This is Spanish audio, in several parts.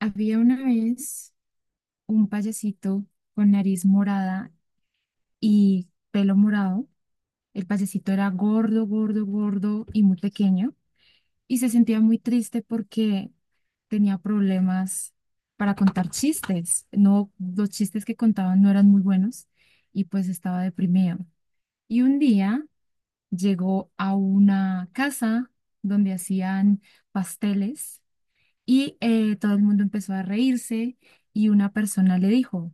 Había una vez un payasito con nariz morada y pelo morado. El payasito era gordo, gordo, gordo y muy pequeño y se sentía muy triste porque tenía problemas para contar chistes. No, los chistes que contaban no eran muy buenos y pues estaba deprimido. Y un día llegó a una casa donde hacían pasteles y todo el mundo empezó a reírse y una persona le dijo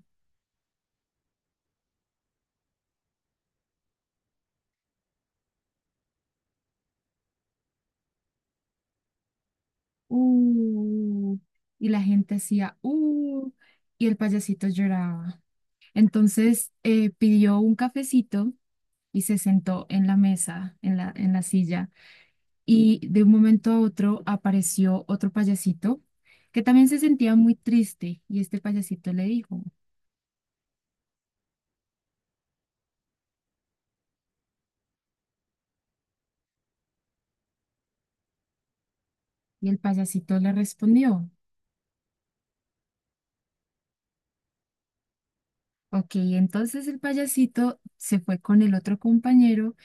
uh, y la gente hacía, y el payasito lloraba. Entonces pidió un cafecito y se sentó en la mesa, en la silla, y de un momento a otro apareció otro payasito que también se sentía muy triste, y este payasito le dijo, y el payasito le respondió. Ok, entonces el payasito se fue con el otro compañero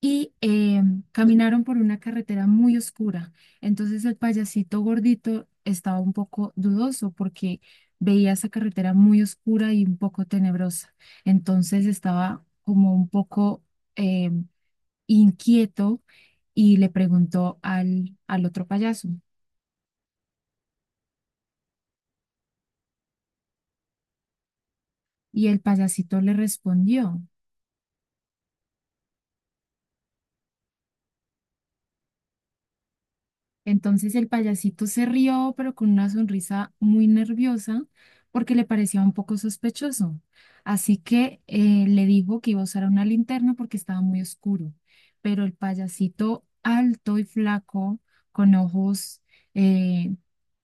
y caminaron por una carretera muy oscura. Entonces el payasito gordito estaba un poco dudoso porque veía esa carretera muy oscura y un poco tenebrosa. Entonces estaba como un poco eh, inquieto y le preguntó al otro payaso. Y el payasito le respondió. Entonces el payasito se rió, pero con una sonrisa muy nerviosa, porque le parecía un poco sospechoso. Así que le dijo que iba a usar una linterna porque estaba muy oscuro. Pero el payasito alto y flaco, con ojos eh,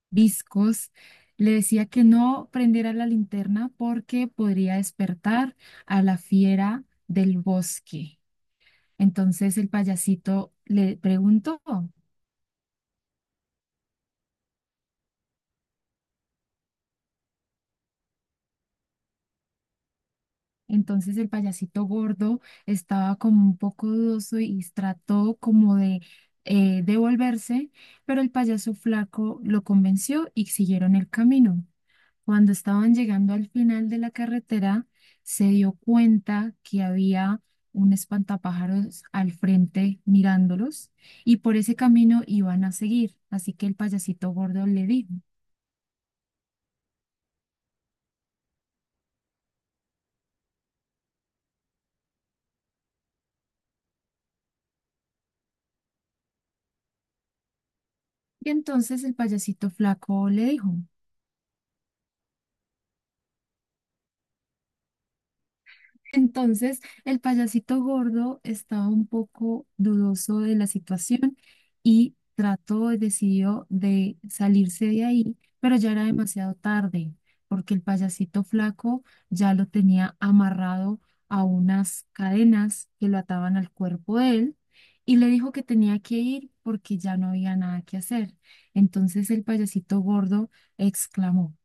viscos, le decía que no prendiera la linterna porque podría despertar a la fiera del bosque. Entonces el payasito le preguntó. Entonces el payasito gordo estaba como un poco dudoso y trató como de devolverse, pero el payaso flaco lo convenció y siguieron el camino. Cuando estaban llegando al final de la carretera, se dio cuenta que había un espantapájaros al frente mirándolos y por ese camino iban a seguir. Así que el payasito gordo le dijo. Y entonces el payasito flaco le dijo. Entonces, el payasito gordo estaba un poco dudoso de la situación y trató y decidió de salirse de ahí, pero ya era demasiado tarde, porque el payasito flaco ya lo tenía amarrado a unas cadenas que lo ataban al cuerpo de él y le dijo que tenía que ir porque ya no había nada que hacer. Entonces, el payasito gordo exclamó.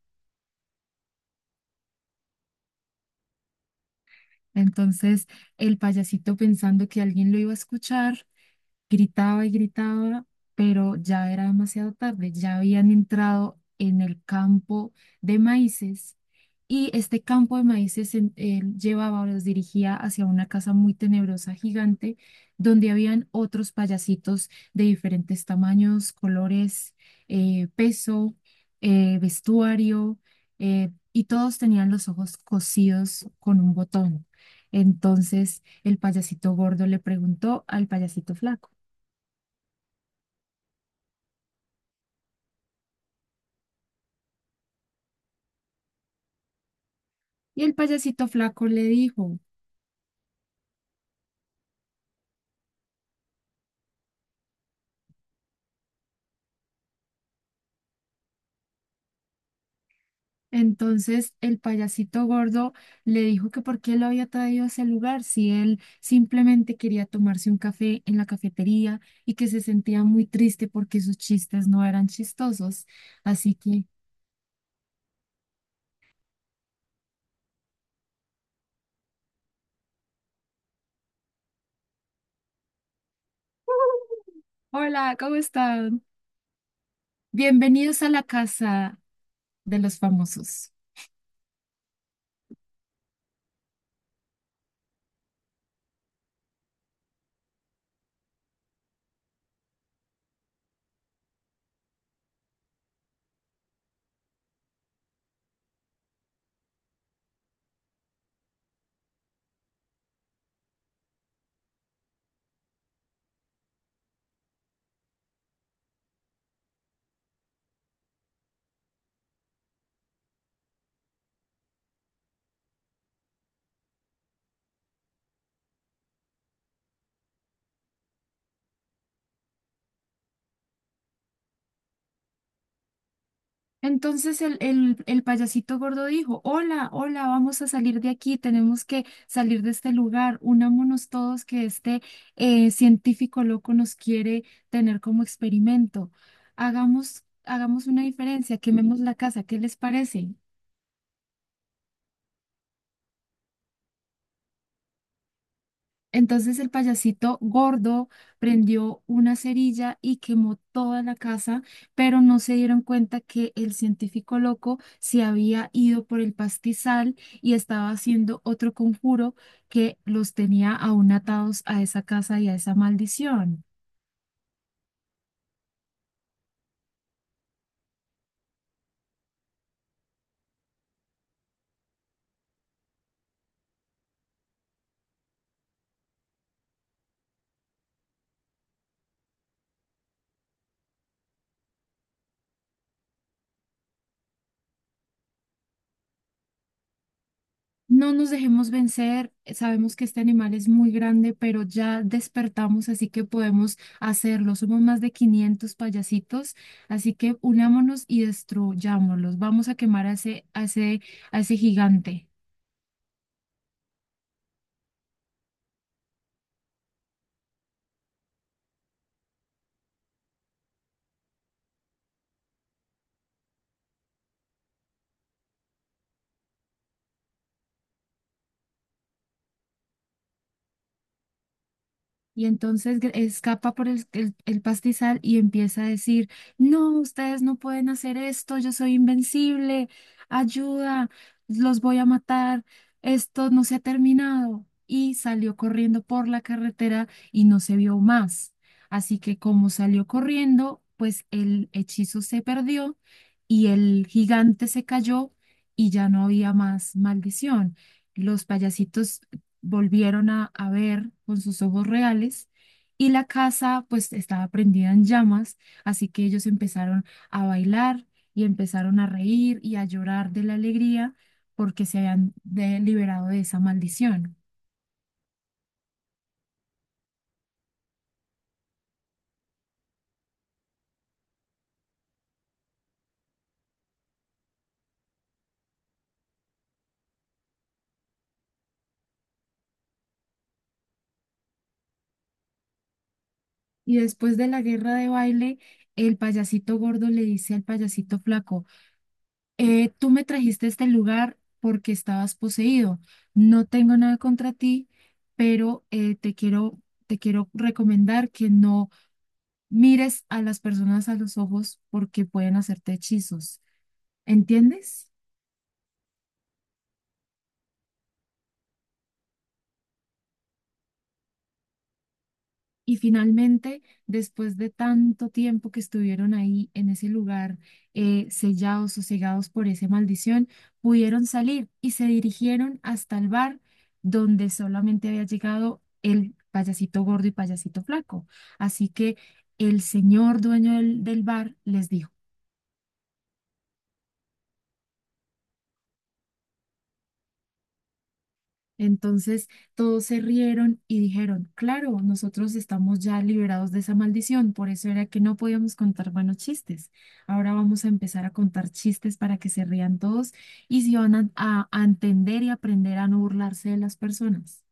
Entonces, el payasito pensando que alguien lo iba a escuchar, gritaba y gritaba, pero ya era demasiado tarde, ya habían entrado en el campo de maíces y este campo de maíces en- él llevaba o los dirigía hacia una casa muy tenebrosa, gigante, donde habían otros payasitos de diferentes tamaños, colores, peso, vestuario, y todos tenían los ojos cosidos con un botón. Entonces, el payasito gordo le preguntó al payasito flaco. Y el payasito flaco le dijo. Entonces el payasito gordo le dijo que por qué lo había traído a ese lugar si él simplemente quería tomarse un café en la cafetería y que se sentía muy triste porque sus chistes no eran chistosos. Así que, hola, ¿cómo están? Bienvenidos a la casa de los famosos. Entonces el payasito gordo dijo, hola, hola, vamos a salir de aquí, tenemos que salir de este lugar, unámonos todos que este científico loco nos quiere tener como experimento. Hagamos una diferencia, quememos la casa, ¿qué les parece? Entonces el payasito gordo prendió una cerilla y quemó toda la casa, pero no se dieron cuenta que el científico loco se había ido por el pastizal y estaba haciendo otro conjuro que los tenía aún atados a esa casa y a esa maldición. No nos dejemos vencer, sabemos que este animal es muy grande, pero ya despertamos, así que podemos hacerlo. Somos más de 500 payasitos, así que unámonos y destruyámoslos. Vamos a quemar a ese gigante. Y entonces escapa por el pastizal y empieza a decir, no, ustedes no pueden hacer esto, yo soy invencible, ayuda, los voy a matar, esto no se ha terminado. Y salió corriendo por la carretera y no se vio más. Así que como salió corriendo, pues el hechizo se perdió y el gigante se cayó y ya no había más maldición. Los payasitos volvieron a ver con sus ojos reales y la casa pues estaba prendida en llamas, así que ellos empezaron a bailar y empezaron a reír y a llorar de la alegría porque se habían liberado de esa maldición. Y después de la guerra de baile, el payasito gordo le dice al payasito flaco, tú me trajiste a este lugar porque estabas poseído. No tengo nada contra ti, pero te quiero recomendar que no mires a las personas a los ojos porque pueden hacerte hechizos, ¿entiendes? Y finalmente, después de tanto tiempo que estuvieron ahí en ese lugar, sellados, sosegados por esa maldición, pudieron salir y se dirigieron hasta el bar donde solamente había llegado el payasito gordo y payasito flaco. Así que el señor dueño del bar les dijo, entonces todos se rieron y dijeron, claro, nosotros estamos ya liberados de esa maldición, por eso era que no podíamos contar buenos chistes. Ahora vamos a empezar a contar chistes para que se rían todos y se van a entender y aprender a no burlarse de las personas.